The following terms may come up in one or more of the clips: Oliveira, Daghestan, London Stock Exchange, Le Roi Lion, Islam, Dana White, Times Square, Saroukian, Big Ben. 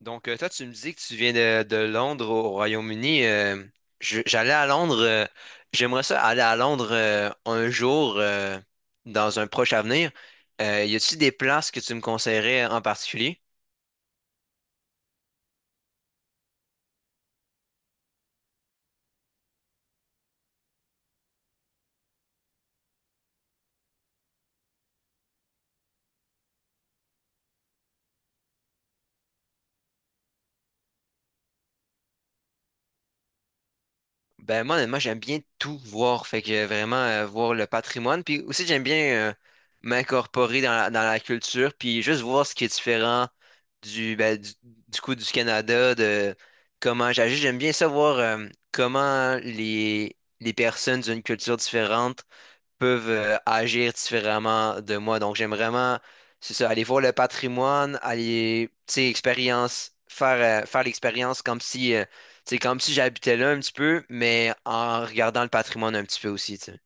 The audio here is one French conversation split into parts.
Donc, toi, tu me dis que tu viens de Londres au Royaume-Uni. J'allais à Londres. J'aimerais ça aller à Londres un jour, dans un proche avenir. Y a-t-il des places que tu me conseillerais en particulier? Ben moi, honnêtement, j'aime bien tout voir. Fait que vraiment voir le patrimoine. Puis aussi, j'aime bien m'incorporer dans la culture, puis juste voir ce qui est différent du, ben, du, du coup du Canada, de comment j'agis. J'aime bien savoir comment les personnes d'une culture différente peuvent agir différemment de moi. Donc, j'aime vraiment, c'est ça, aller voir le patrimoine, aller, tu sais, expérience, faire, faire l'expérience comme si, tu sais, comme si j'habitais là un petit peu, mais en regardant le patrimoine un petit peu aussi, tu sais.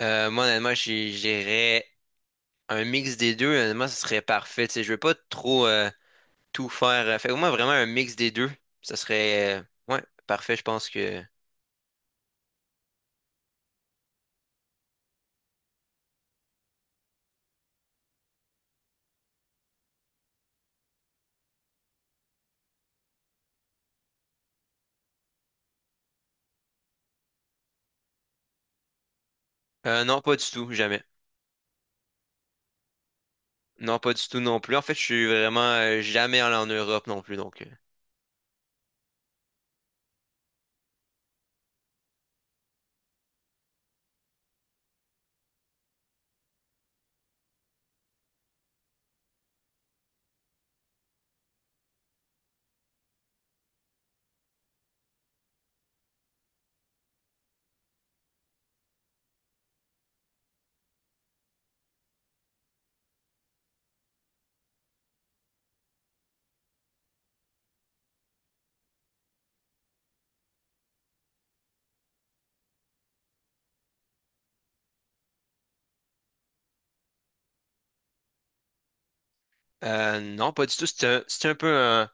Moi, honnêtement, j'irais un mix des deux. Honnêtement, ce serait parfait. Tu sais, je veux pas trop tout faire. Fait que moi, vraiment un mix des deux. Ça serait, ouais, parfait. Non, pas du tout, jamais. Non, pas du tout non plus. En fait, je suis vraiment jamais allé en Europe non plus, donc. Non, pas du tout. C'est un peu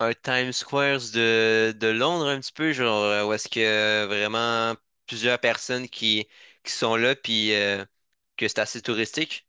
un Times Square de Londres, un petit peu, genre, où est-ce que vraiment plusieurs personnes qui sont là, puis que c'est assez touristique.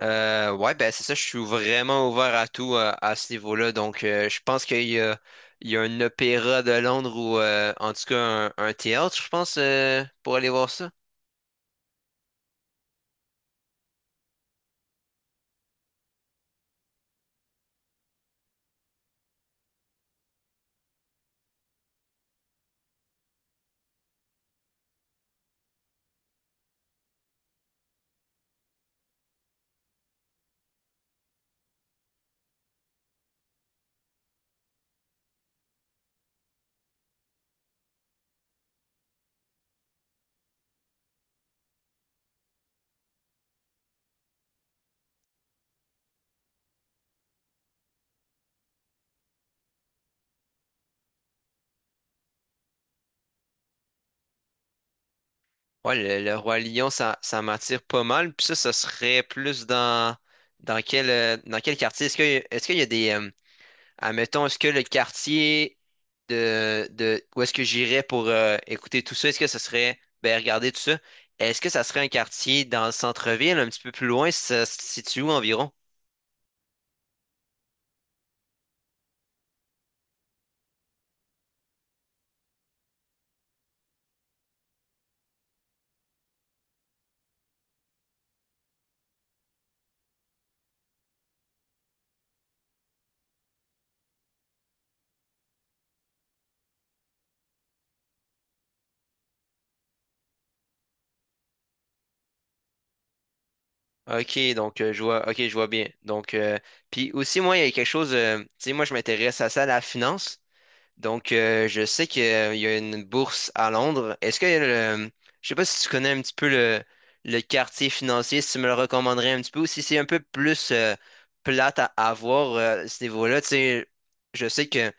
Ouais, ben c'est ça, je suis vraiment ouvert à tout à, ce niveau-là. Donc, je pense il y a un opéra de Londres ou en tout cas un théâtre, je pense, pour aller voir ça. Ouais, le Roi Lion, ça m'attire pas mal. Puis ça serait plus dans quel quartier? Est-ce que, est-ce qu'il y a des, admettons, est-ce que le quartier de où est-ce que j'irais pour écouter tout ça, est-ce que ça serait, ben, regarder tout ça, est-ce que ça serait un quartier dans le centre-ville, un petit peu plus loin, ça se situe où environ? Ok, donc je vois, ok, je vois bien. Donc, puis aussi, moi, il y a quelque chose, tu sais, moi, je m'intéresse à ça, à la finance. Donc, je sais qu'il y a une bourse à Londres. Je sais pas si tu connais un petit peu le quartier financier, si tu me le recommanderais un petit peu, ou si c'est un peu plus plate à avoir à voir, à ce niveau-là. Tu sais, je sais que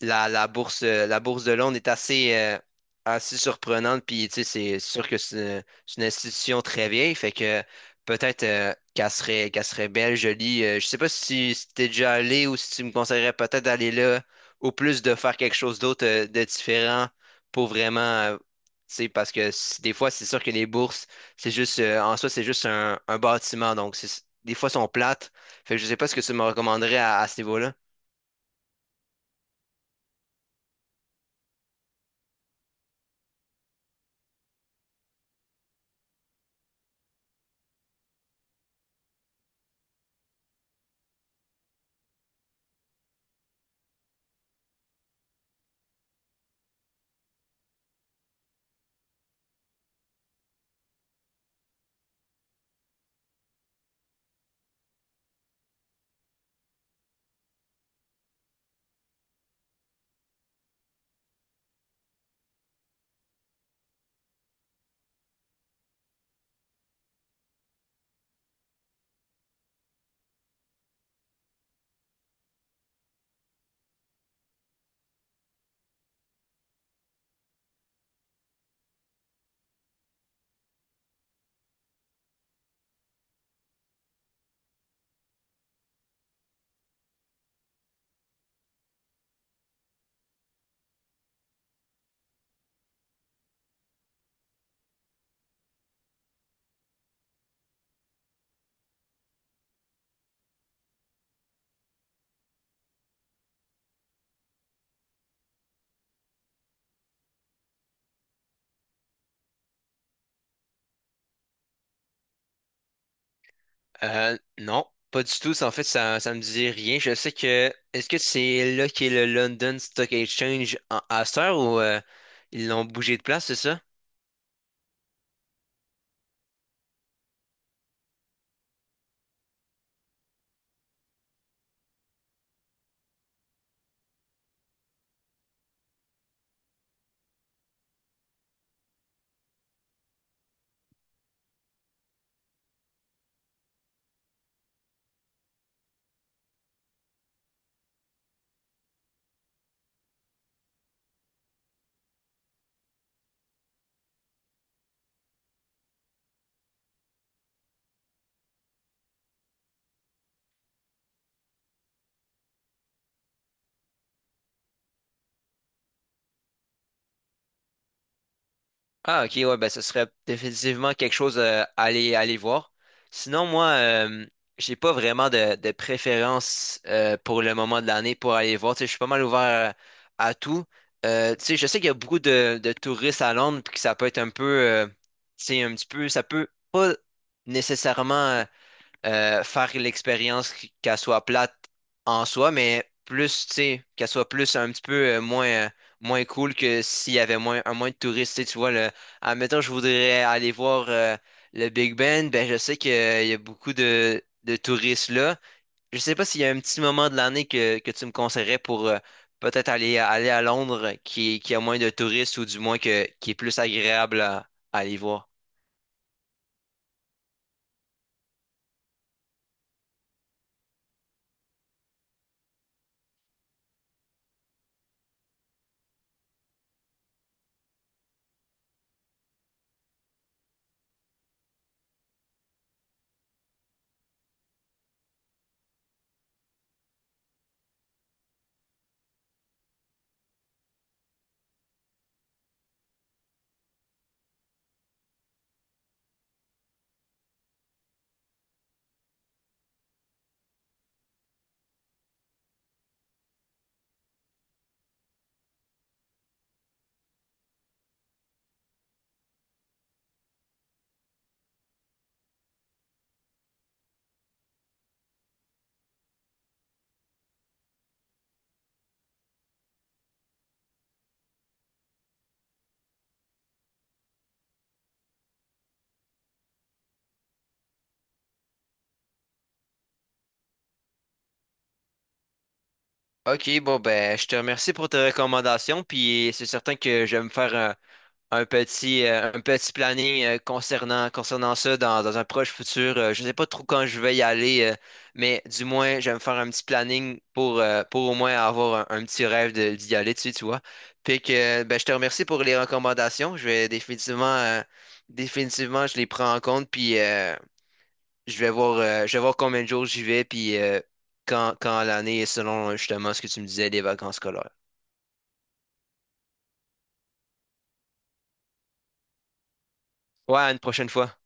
la, la bourse de Londres est assez, assez surprenante. Puis, tu sais, c'est sûr que c'est une institution très vieille. Fait que peut-être qu'elle serait belle, jolie. Je sais pas si, si t'es déjà allé ou si tu me conseillerais peut-être d'aller là ou plus de faire quelque chose d'autre de différent pour vraiment. Tu sais, parce que des fois, c'est sûr que les bourses, c'est juste, en soi, c'est juste un bâtiment. Donc, c'est- des fois, sont plates. Fait que je sais pas ce que tu me recommanderais à ce niveau-là. Non, pas du tout. Ça, en fait, ça me dit rien. Je sais que. Est-ce que c'est là qu'est le London Stock Exchange à cette heure ou ils l'ont bougé de place, c'est ça? Ah, ok, ouais, ben, ce serait définitivement quelque chose à aller voir. Sinon, moi, j'ai pas vraiment de préférence pour le moment de l'année pour aller voir. Tu sais, je suis pas mal ouvert à tout. Tu sais, je sais qu'il y a beaucoup de touristes à Londres, puis que ça peut être un peu. Tu sais, un petit peu. Ça peut pas nécessairement. Faire l'expérience qu'elle soit plate en soi, mais plus, tu sais, qu'elle soit plus un petit peu moins, moins cool que s'il y avait moins, un moins de touristes. Tu sais, tu vois, le, admettons, je voudrais aller voir le Big Ben, ben je sais qu'il y a beaucoup de touristes là. Je sais pas s'il y a un petit moment de l'année que tu me conseillerais pour peut-être aller, aller à Londres qui a moins de touristes ou du moins qui est plus agréable à aller voir. Ok, bon ben, je te remercie pour tes recommandations, puis c'est certain que je vais me faire un petit planning concernant concernant ça dans un proche futur. Je sais pas trop quand je vais y aller, mais du moins je vais me faire un petit planning pour au moins avoir un petit rêve d'y aller dessus, tu vois. Puis que ben, je te remercie pour les recommandations. Je vais définitivement définitivement je les prends en compte, puis je vais voir combien de jours j'y vais, puis quand, quand l'année est selon justement ce que tu me disais des vacances scolaires. Ouais, à une prochaine fois.